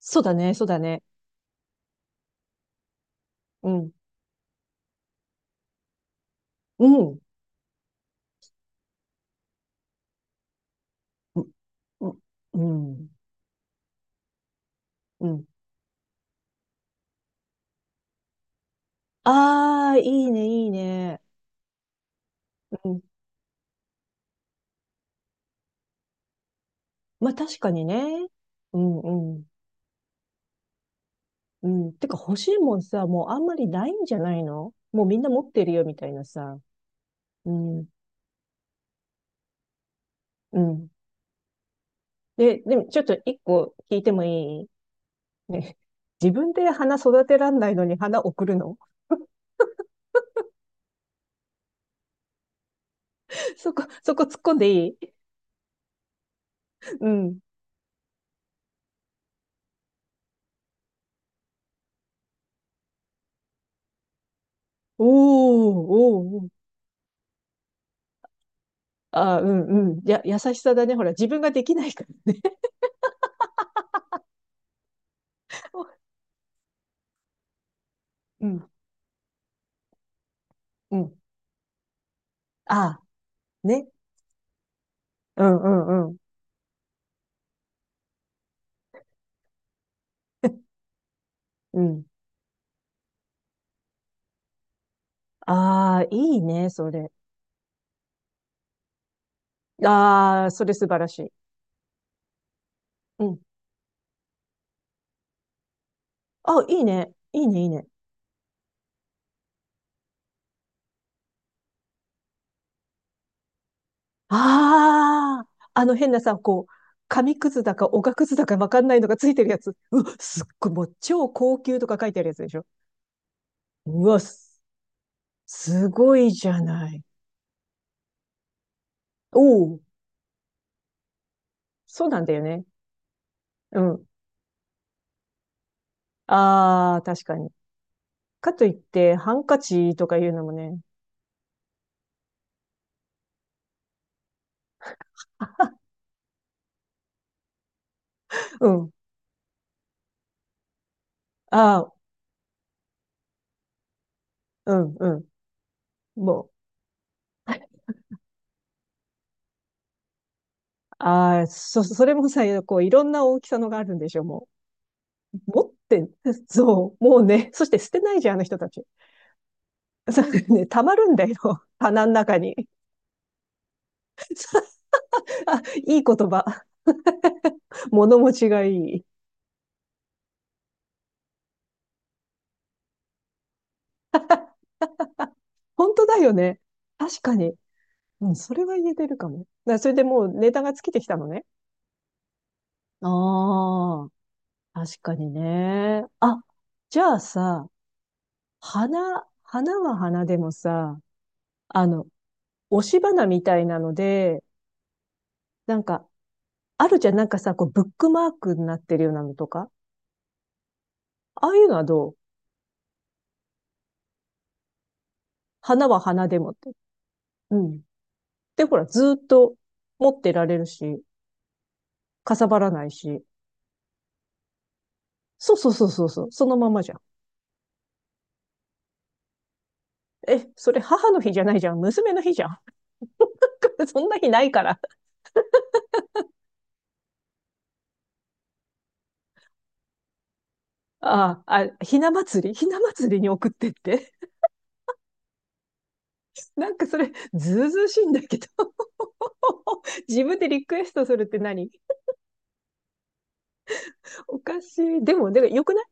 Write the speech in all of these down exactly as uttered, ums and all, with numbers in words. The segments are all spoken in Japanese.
そうだね、そうだね。うん。うん。うん。うん。うん。ああ、いいね、いいね。うん。まあ確かにね。うん、うん。うん。てか欲しいもんさ、もうあんまりないんじゃないの、もうみんな持ってるよ、みたいなさ。うん。うん。で、でもちょっと一個聞いてもいい？ね。自分で花育てらんないのに花送るの？ そこ、そこ突っ込んでいい？うん。おー、おー、ああ、うんうん。や、優しさだね。ほら、自分ができないからね。うん、うん。ああ、ね。うんうんうん。うん。ああ、いいね、それ。ああ、それ素晴らしい。うん。あ、いいね。いいね、いいね。ああ、あの変なさ、こう、紙くずだか、おがくずだかわかんないのがついてるやつ。うわ、すっごい、もう超高級とか書いてあるやつでしょ。うわ、す、すごいじゃない。おお、そうなんだよね。うん。ああ、確かに。かといって、ハンカチとか言うのもね。うん。ああ、うん、うん。もう。ああ、そ、それもさ、こう、いろんな大きさのがあるんでしょ、もう。持って、そう、もうね、そして捨てないじゃん、あの人たち。そうね、溜まるんだよ、棚の中に。あ、いい言葉。物持ちがいい。本当だよね。確かに。うん、それは言えてるかも。だそれでもうネタが尽きてきたのね。ああ、確かにね。あ、じゃあさ、花、花は花でもさ、あの、押し花みたいなので、なんか、あるじゃん、なんかさ、こう、ブックマークになってるようなのとか、ああいうのはどう？花は花でもって。うん。で、ほら、ずーっと持ってられるし、かさばらないし。そうそうそうそうそう、そのままじゃん。え、それ母の日じゃないじゃん、娘の日じゃん。そんな日ないから。ああ、あ、ひな祭りひな祭りに送ってって。なんかそれ、ずうずうしいんだけど。自分でリクエストするって何？おかしい。でも、で、よくない？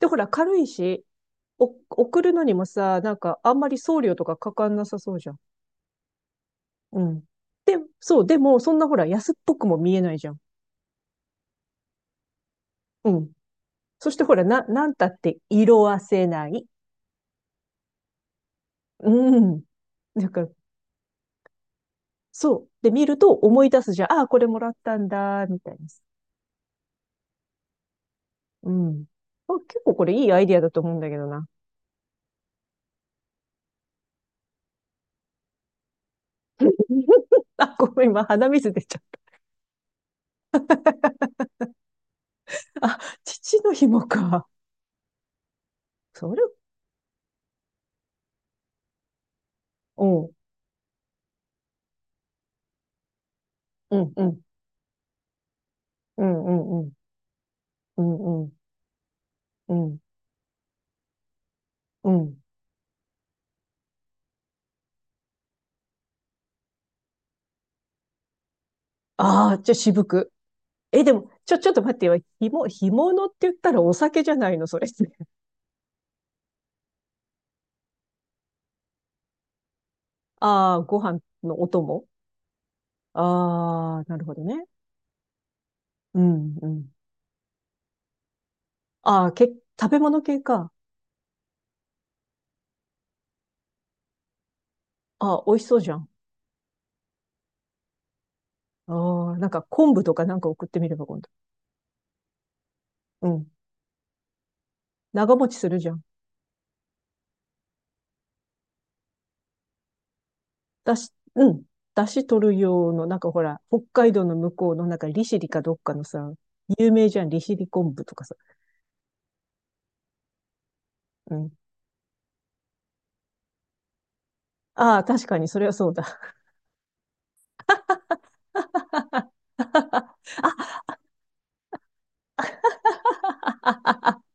で、ほら、軽いし、お、送るのにもさ、なんか、あんまり送料とかかかんなさそうじゃん。うん。で、そう、でも、そんなほら、安っぽくも見えないじゃん。うん。そしてほら、な、なんたって色あせない。うん。なんか、そう。で、見ると思い出すじゃん。ああ、これもらったんだ、みたいな。うん。あ、結構これいいアイディアだと思うんだけどな。あ、ごめん、今鼻水出ちゃった。あ、父の日もか。それ、うん、うん、うん、うん、うん、うん、うん、うん、うん。ああ、じゃあ渋く。え、でも、ちょ、ちょっと待ってよ。ひも、干物って言ったらお酒じゃないの、それって。ああ、ご飯のお供？ああ、なるほどね。うん、うん。ああ、け、食べ物系か。ああ、美味しそうじゃん。ああ、なんか昆布とかなんか送ってみれば今度。うん。長持ちするじゃん。だし、うん。だし取る用の、なんかほら、北海道の向こうの、なんか利尻かどっかのさ、有名じゃん、利尻昆布とかさ。うん。ああ、確かに、それはそうだ。あ、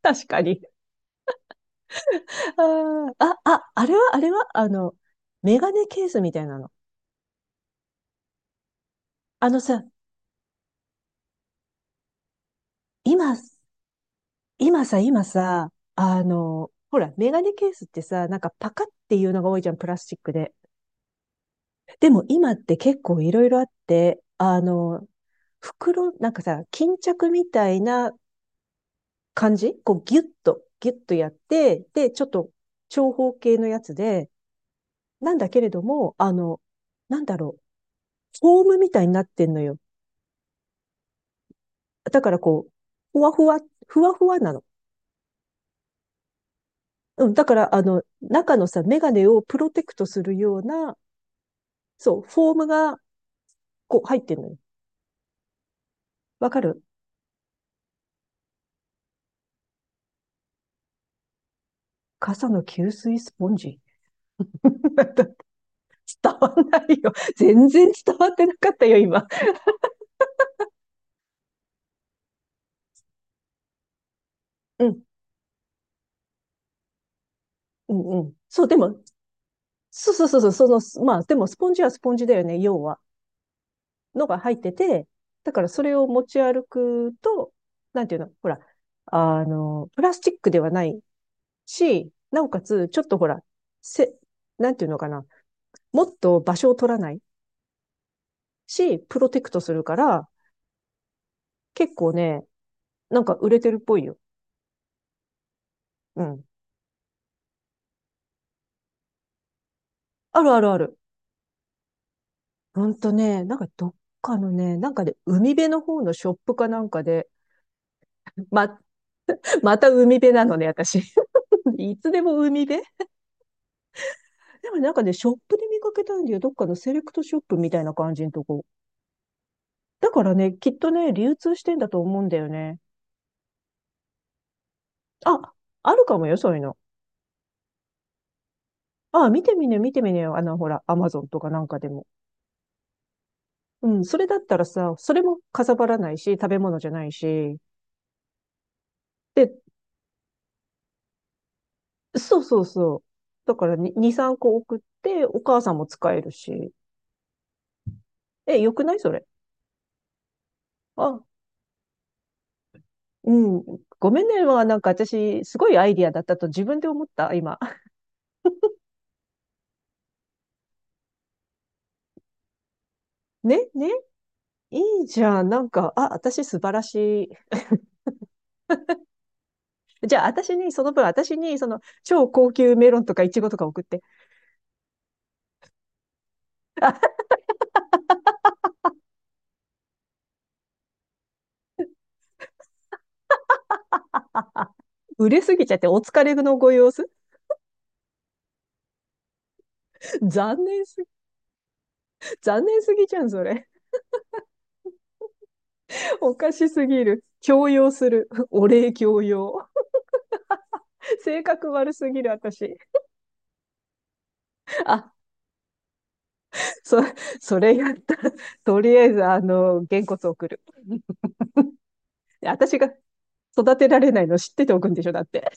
確かに。あー、あ、ああれは、あれは、あの、メガネケースみたいなの。あのさ、今、今さ、今さ、あの、ほら、メガネケースってさ、なんかパカっていうのが多いじゃん、プラスチックで。でも今って結構いろいろあって、あの、袋、なんかさ、巾着みたいな感じ、こうギュッと、ギュッとやって、で、ちょっと長方形のやつで、なんだけれども、あの、なんだろう、フォームみたいになってんのよ。だからこう、ふわふわ、ふわふわなの。うん、だから、あの、中のさ、メガネをプロテクトするような、そう、フォームが、こう、入ってんのよ。わかる？傘の吸水スポンジ。伝わんないよ。全然伝わってなかったよ、今。うん、うん、うん。そう、でも、そうそうそうそう、その、す、まあ、でもスポンジはスポンジだよね、要は。のが入ってて、だからそれを持ち歩くと、なんていうの、ほら、あの、プラスチックではないし、なおかつ、ちょっとほら、せ、なんていうのかな、もっと場所を取らないし、プロテクトするから、結構ね、なんか売れてるっぽいよ。うん。あるあるある。ほんとね、なんかどっかのね、なんかで、海辺の方のショップかなんかで、ま、また海辺なのね、私。いつでも海辺。でもなんかね、ショップで見かけたんだよ。どっかのセレクトショップみたいな感じのとこ。だからね、きっとね、流通してんだと思うんだよね。あ、あるかもよ、そういうの。あ、見てみね、見てみねよ。あの、ほら、アマゾンとかなんかでも。うん、それだったらさ、それもかさばらないし、食べ物じゃないし。で、そうそうそう。だからに、に、さんこ送って、お母さんも使えるし。え、よくないそれ？あ、うん。ごめんね。まあなんか私、すごいアイディアだったと自分で思った、今。ねね、いいじゃん。なんか、あ、私素晴らしい。じゃあ、私に、その分、私に、その、超高級メロンとかイチゴとか送って。売れすぎちゃって、お疲れのご様子。残念すぎ、残念すぎじゃん、それ。おかしすぎる。強要する。お礼強要。性格悪すぎる、私。あ、そ、それやったら。とりあえず、あの、げんこつ送る。私が育てられないの知ってておくんでしょ、だって。